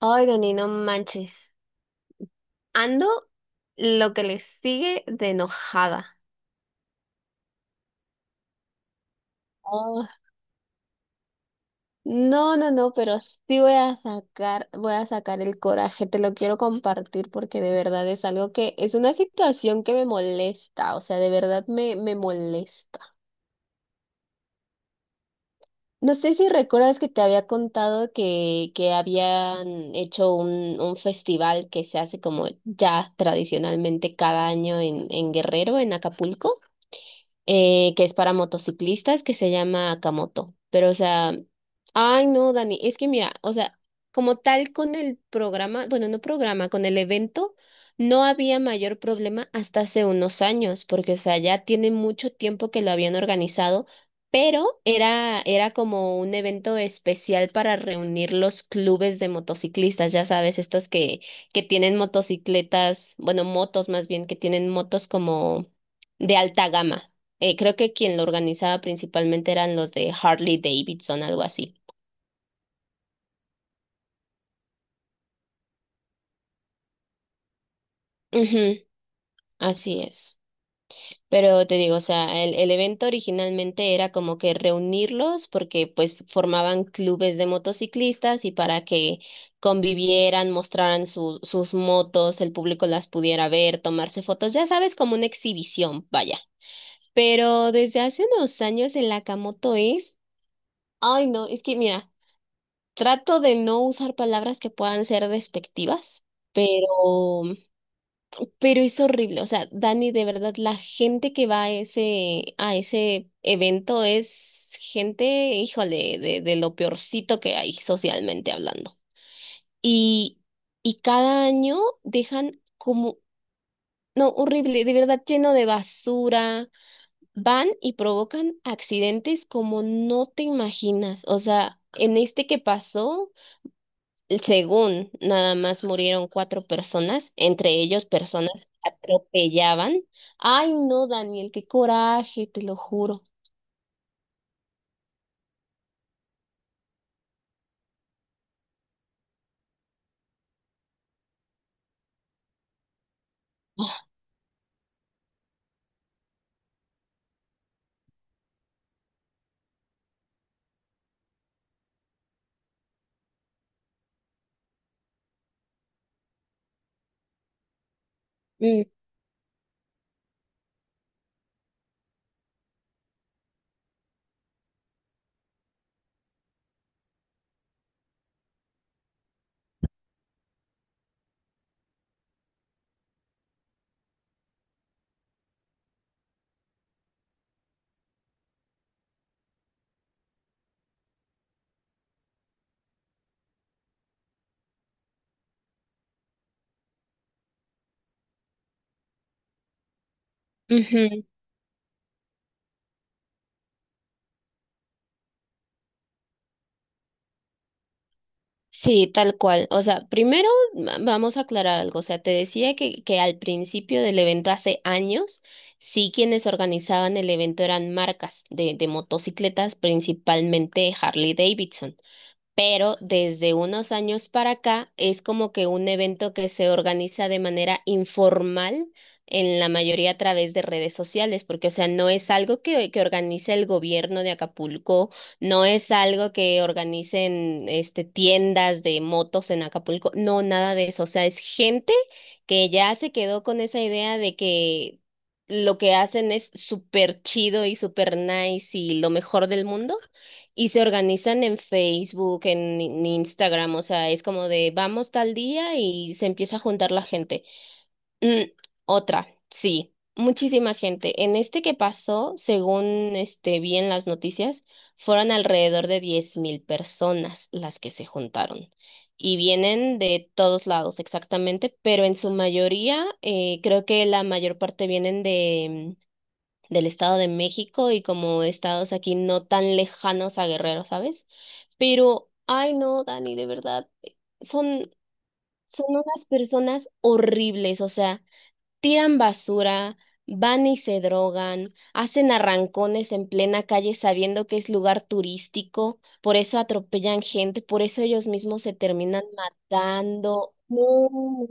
Ay, Dani, no manches. Ando lo que le sigue de enojada. Oh, no, no, no, pero sí voy a sacar el coraje, te lo quiero compartir porque de verdad es algo que es una situación que me molesta, o sea, de verdad me molesta. No sé si recuerdas que te había contado que habían hecho un festival que se hace como ya tradicionalmente cada año en Guerrero, en Acapulco. Que es para motociclistas, que se llama Akamoto. Pero, o sea, ay, no, Dani, es que mira, o sea, como tal con el programa, bueno, no programa, con el evento, no había mayor problema hasta hace unos años, porque, o sea, ya tiene mucho tiempo que lo habían organizado. Pero era como un evento especial para reunir los clubes de motociclistas, ya sabes, estos que tienen motocicletas, bueno, motos más bien, que tienen motos como de alta gama. Creo que quien lo organizaba principalmente eran los de Harley Davidson, algo así. Ujú, así es. Pero te digo, o sea, el evento originalmente era como que reunirlos porque pues formaban clubes de motociclistas y para que convivieran, mostraran sus motos, el público las pudiera ver, tomarse fotos, ya sabes, como una exhibición, vaya. Pero desde hace unos años el Akamoto es... Ay, no, es que mira. Trato de no usar palabras que puedan ser despectivas, pero, pero es horrible. O sea, Dani, de verdad, la gente que va a ese evento es gente, híjole, de lo peorcito que hay socialmente hablando. Y, y cada año dejan como, no, horrible, de verdad, lleno de basura. Van y provocan accidentes como no te imaginas. O sea, en este que pasó. Según nada más murieron cuatro personas, entre ellos personas que atropellaban. Ay, no, Daniel, qué coraje, te lo juro. Mm, ujú. Sí, tal cual. O sea, primero vamos a aclarar algo. O sea, te decía que al principio del evento hace años, sí quienes organizaban el evento eran marcas de motocicletas, principalmente Harley Davidson. Pero desde unos años para acá es como que un evento que se organiza de manera informal en la mayoría a través de redes sociales, porque o sea, no es algo que organice el gobierno de Acapulco, no es algo que organicen este tiendas de motos en Acapulco, no, nada de eso, o sea, es gente que ya se quedó con esa idea de que lo que hacen es súper chido y súper nice y lo mejor del mundo y se organizan en Facebook, en Instagram, o sea, es como de vamos tal día y se empieza a juntar la gente. Mm, otra, sí, muchísima gente. En este que pasó, según vi en las noticias, fueron alrededor de 10.000 personas las que se juntaron. Y vienen de todos lados exactamente, pero en su mayoría, creo que la mayor parte vienen del Estado de México y como estados aquí no tan lejanos a Guerrero, ¿sabes? Pero, ay no, Dani, de verdad, son, son unas personas horribles, o sea, tiran basura, van y se drogan, hacen arrancones en plena calle sabiendo que es lugar turístico, por eso atropellan gente, por eso ellos mismos se terminan matando. No.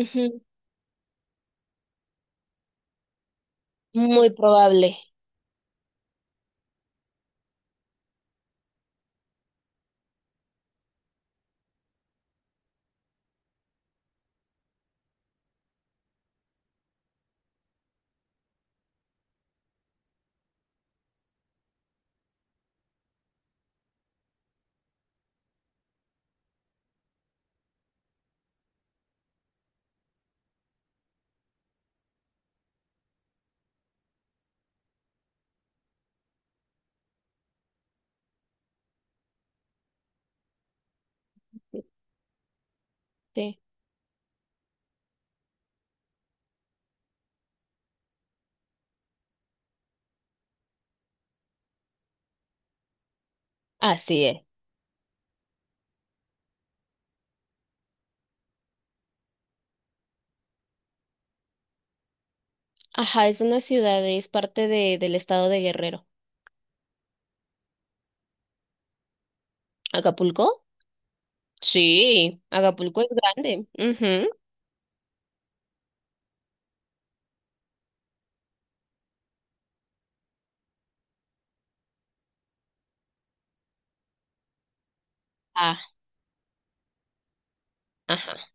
Ujú, muy probable. Sí. Así es. Ajá, es una ciudad, es parte del estado de Guerrero. ¿Acapulco? Sí, Acapulco es grande. Ujú. Ah, ajá.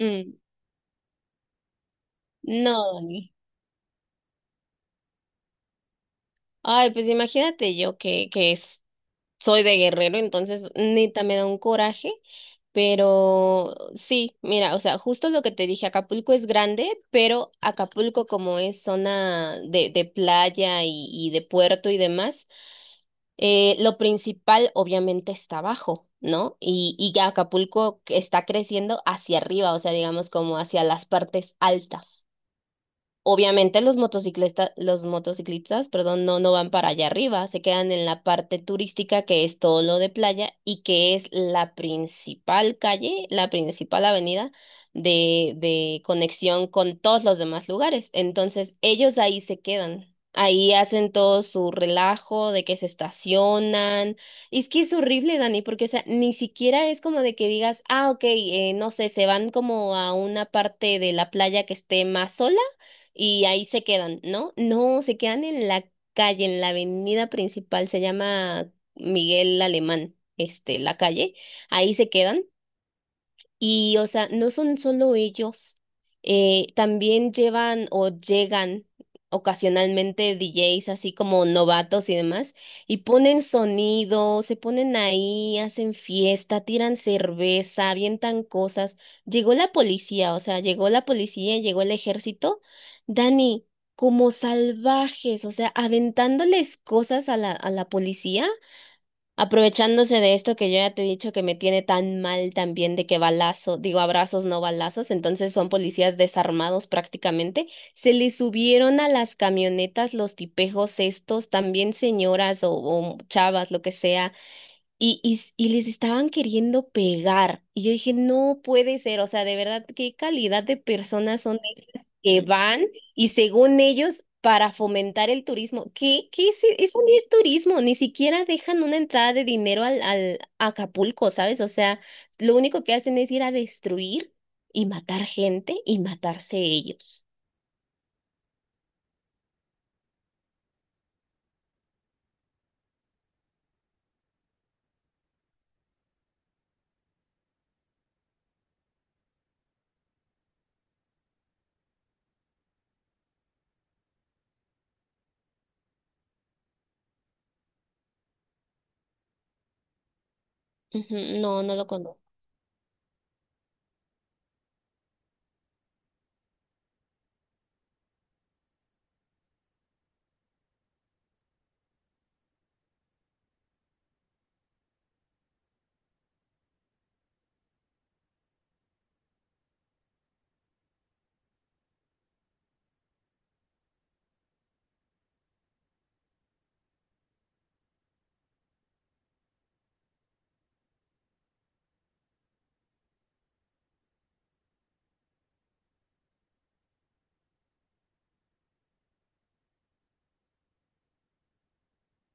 Mm, no, Dani. Ay, pues imagínate yo que es- soy de Guerrero, entonces neta me da un coraje. Pero sí, mira, o sea, justo lo que te dije, Acapulco es grande, pero Acapulco como es zona de playa y de puerto y demás, lo principal obviamente está abajo, ¿no? Y que Acapulco está creciendo hacia arriba, o sea, digamos como hacia las partes altas. Obviamente los motociclistas, perdón, no, no van para allá arriba, se quedan en la parte turística que es todo lo de playa y que es la principal calle, la principal avenida de conexión con todos los demás lugares. Entonces ellos ahí se quedan, ahí hacen todo su relajo de que se estacionan. Y es que es horrible, Dani, porque o sea, ni siquiera es como de que digas, ah, ok, no sé, se van como a una parte de la playa que esté más sola y ahí se quedan, ¿no? No, se quedan en la calle, en la avenida principal, se llama Miguel Alemán, este, la calle, ahí se quedan y, o sea, no son solo ellos, también llevan o llegan ocasionalmente DJs así como novatos y demás, y ponen sonido, se ponen ahí, hacen fiesta, tiran cerveza, avientan cosas. Llegó la policía, o sea, llegó la policía, llegó el ejército. Dani, como salvajes, o sea, aventándoles cosas a la policía. Aprovechándose de esto que yo ya te he dicho que me tiene tan mal también de que balazo, digo abrazos, no balazos, entonces son policías desarmados prácticamente, se les subieron a las camionetas los tipejos estos, también señoras o chavas, lo que sea, y, y les estaban queriendo pegar. Y yo dije, no puede ser, o sea, de verdad, qué calidad de personas son que van y según ellos, para fomentar el turismo, ¿qué, qué es eso ni es turismo? Ni siquiera dejan una entrada de dinero al Acapulco, ¿sabes? O sea, lo único que hacen es ir a destruir y matar gente y matarse ellos. Ujú, no, no lo conozco.